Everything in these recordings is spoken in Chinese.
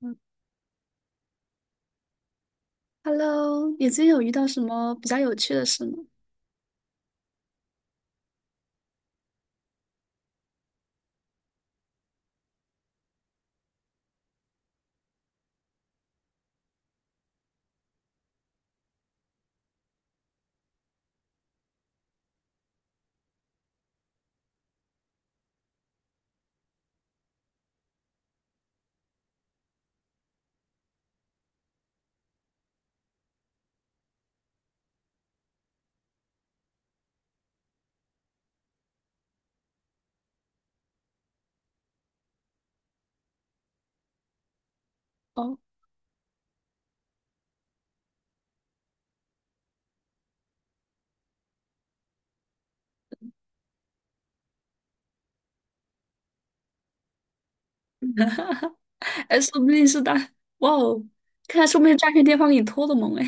嗯，Hello，你最近有遇到什么比较有趣的事吗？哈哈哈哎，说不定是大，哇哦，看来说不定诈骗电话给你托的梦哎。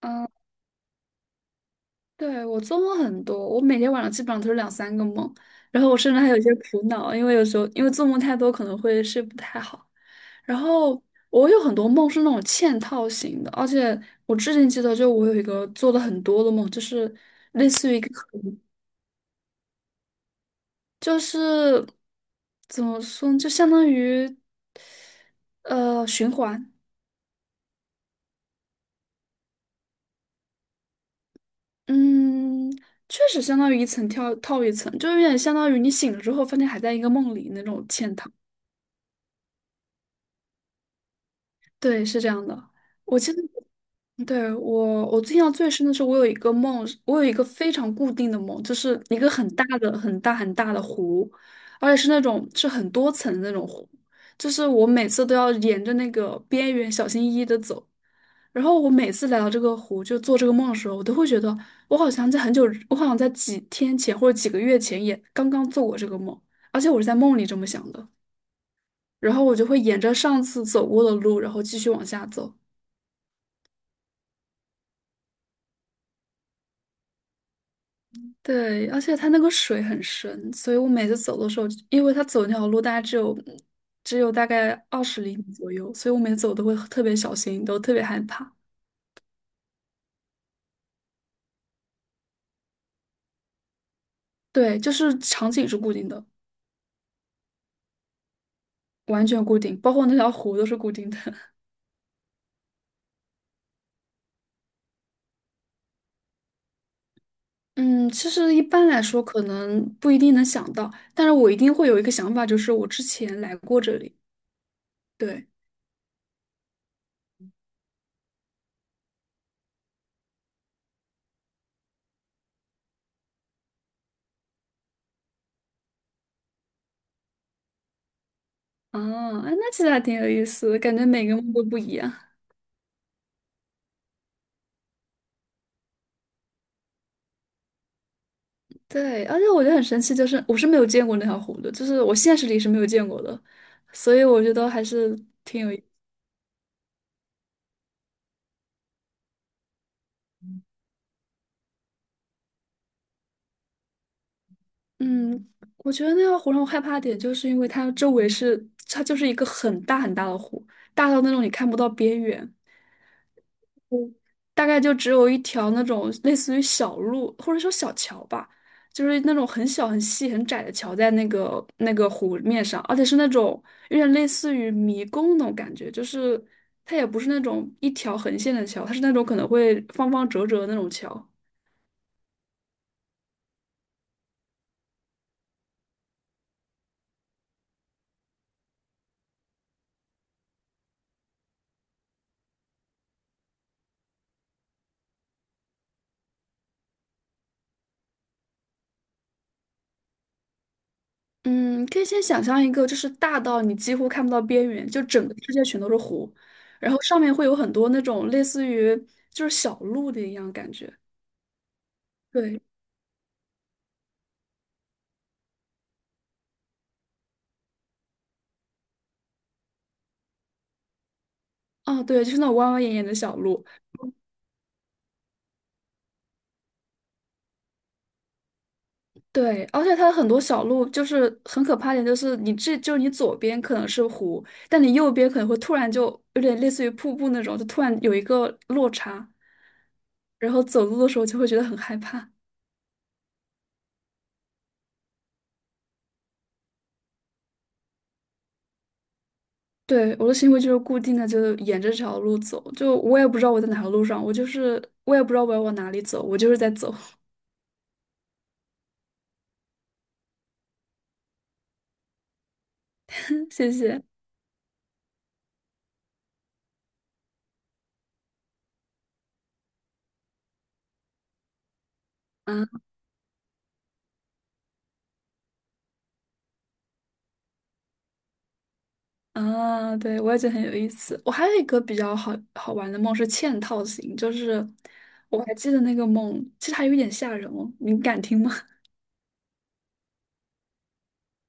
嗯，对，我做梦很多，我每天晚上基本上都是两三个梦，然后我甚至还有一些苦恼，因为有时候因为做梦太多可能会睡不太好。然后我有很多梦是那种嵌套型的，而且我至今记得，就我有一个做的很多的梦，就是类似于一个。就是怎么说呢，就相当于循环，嗯，确实相当于一层跳套一层，就有点相当于你醒了之后发现还在一个梦里那种嵌套。对，是这样的。我记得。对，我印象最深的是，我有一个梦，我有一个非常固定的梦，就是一个很大的、很大、很大的湖，而且是那种是很多层的那种湖，就是我每次都要沿着那个边缘小心翼翼的走。然后我每次来到这个湖，就做这个梦的时候，我都会觉得我好像在很久，我好像在几天前或者几个月前也刚刚做过这个梦，而且我是在梦里这么想的。然后我就会沿着上次走过的路，然后继续往下走。对，而且它那个水很深，所以我每次走的时候，因为它走那条路大概只有大概20厘米左右，所以我每次走都会特别小心，都特别害怕。对，就是场景是固定的，完全固定，包括那条湖都是固定的。嗯，其实一般来说可能不一定能想到，但是我一定会有一个想法，就是我之前来过这里。对，啊，哎那其实还挺有意思的，感觉每个梦都不一样。对，而且我觉得很神奇，就是我是没有见过那条湖的，就是我现实里是没有见过的，所以我觉得还是嗯，我觉得那条湖让我害怕的点，就是因为它周围是它就是一个很大很大的湖，大到那种你看不到边缘，大概就只有一条那种类似于小路或者说小桥吧，就是那种很小很细很窄的桥在那个湖面上，而且是那种有点类似于迷宫那种感觉，就是它也不是那种一条横线的桥，它是那种可能会方方折折的那种桥。嗯，可以先想象一个，就是大到你几乎看不到边缘，就整个世界全都是湖，然后上面会有很多那种类似于就是小路的一样感觉。对，啊对，就是那种弯弯眼眼的小路。对，而且它很多小路就是很可怕一点，就是你这就你左边可能是湖，但你右边可能会突然就有点类似于瀑布那种，就突然有一个落差，然后走路的时候就会觉得很害怕。对，我的行为就是固定的，就沿着这条路走，就我也不知道我在哪条路上，我就是我也不知道我要往哪里走，我就是在走。谢谢。嗯啊，对，我也觉得很有意思。我还有一个比较好玩的梦是嵌套型，就是我还记得那个梦，其实还有一点吓人哦。你敢听吗？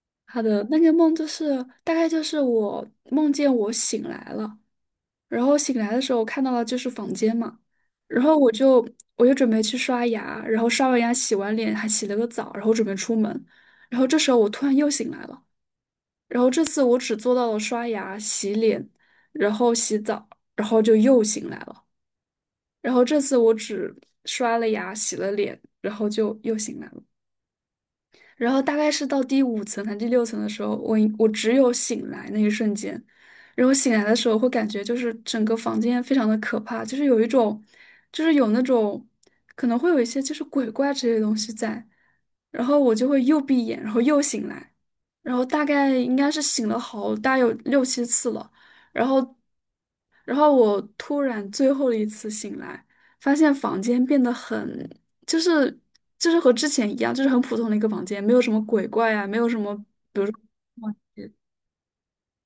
好的那个梦就是大概就是我梦见我醒来了，然后醒来的时候我看到了就是房间嘛，然后我就准备去刷牙，然后刷完牙洗完脸还洗了个澡，然后准备出门，然后这时候我突然又醒来了，然后这次我只做到了刷牙、洗脸，然后洗澡。然后就又醒来了。然后这次我只刷了牙、洗了脸，然后就又醒了。然后大概是到第五层还是第六层的时候，我只有醒来那一瞬间，然后醒来的时候会感觉就是整个房间非常的可怕，就是有一种，就是有那种可能会有一些就是鬼怪之类的东西在，然后我就会又闭眼，然后又醒来，然后大概应该是醒了好大有六七次了，然后，然后我突然最后一次醒来，发现房间变得很就是就是和之前一样，就是很普通的一个房间，没有什么鬼怪啊，没有什么哇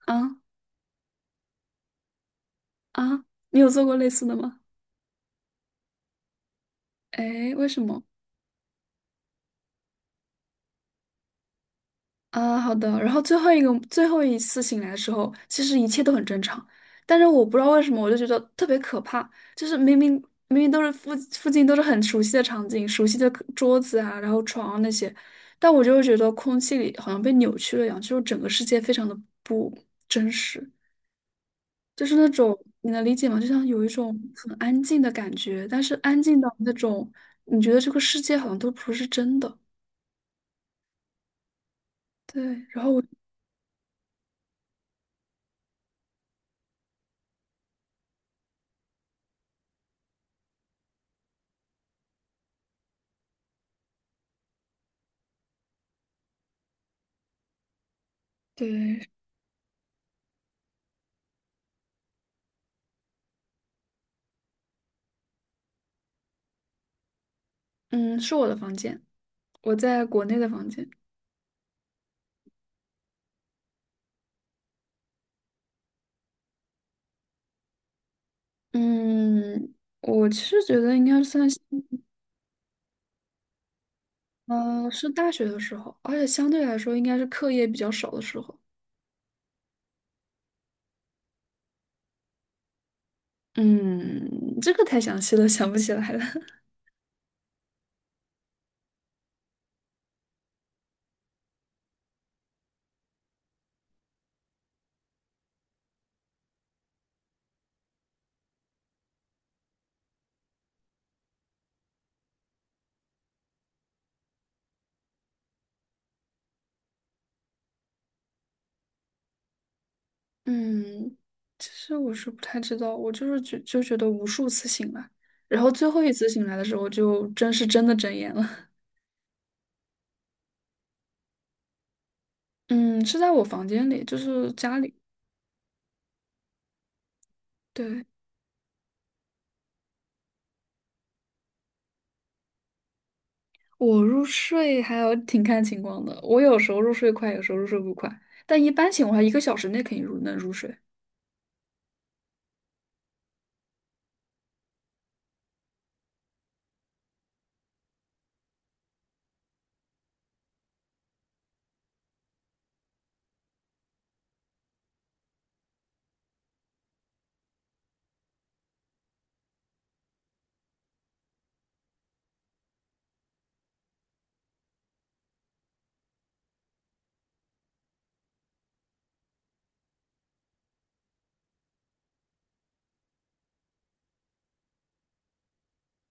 啊啊，你有做过类似的吗？哎，为什么啊？好的，然后最后一个最后一次醒来的时候，其实一切都很正常，但是我不知道为什么，我就觉得特别可怕，就是明明都是附近都是很熟悉的场景，熟悉的客桌子啊，然后床啊那些，但我就会觉得空气里好像被扭曲了一样，就是整个世界非常的不真实。就是那种你能理解吗？就像有一种很安静的感觉，但是安静到那种你觉得这个世界好像都不是真的。对，然后我对，嗯，是我的房间，我在国内的房间。嗯，我其实觉得应该算是，是大学的时候，而且相对来说应该是课业比较少的时候。嗯，这个太详细了，想不起来了。嗯，其实我是不太知道，我就是觉得无数次醒来，然后最后一次醒来的时候，就真的睁眼了。嗯，是在我房间里，就是家里。对，我入睡还有挺看情况的，我有时候入睡快，有时候入睡不快，但一般情况下一个小时内肯定能入睡。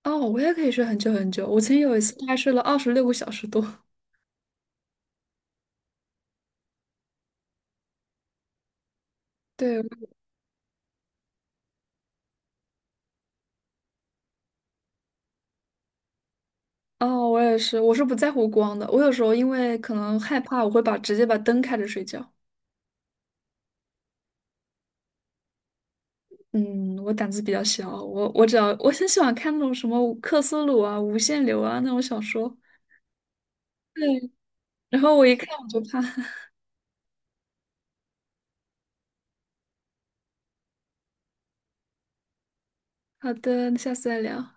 哦，我也可以睡很久很久，我曾经有一次大概睡了26个小时多。对，哦，我也是，我是不在乎光的，我有时候因为可能害怕，我会把直接把灯开着睡觉。嗯，我胆子比较小，我只要我很喜欢看那种什么克苏鲁啊、无限流啊那种小说，对，然后我一看我就怕。好的，那下次再聊。拜拜。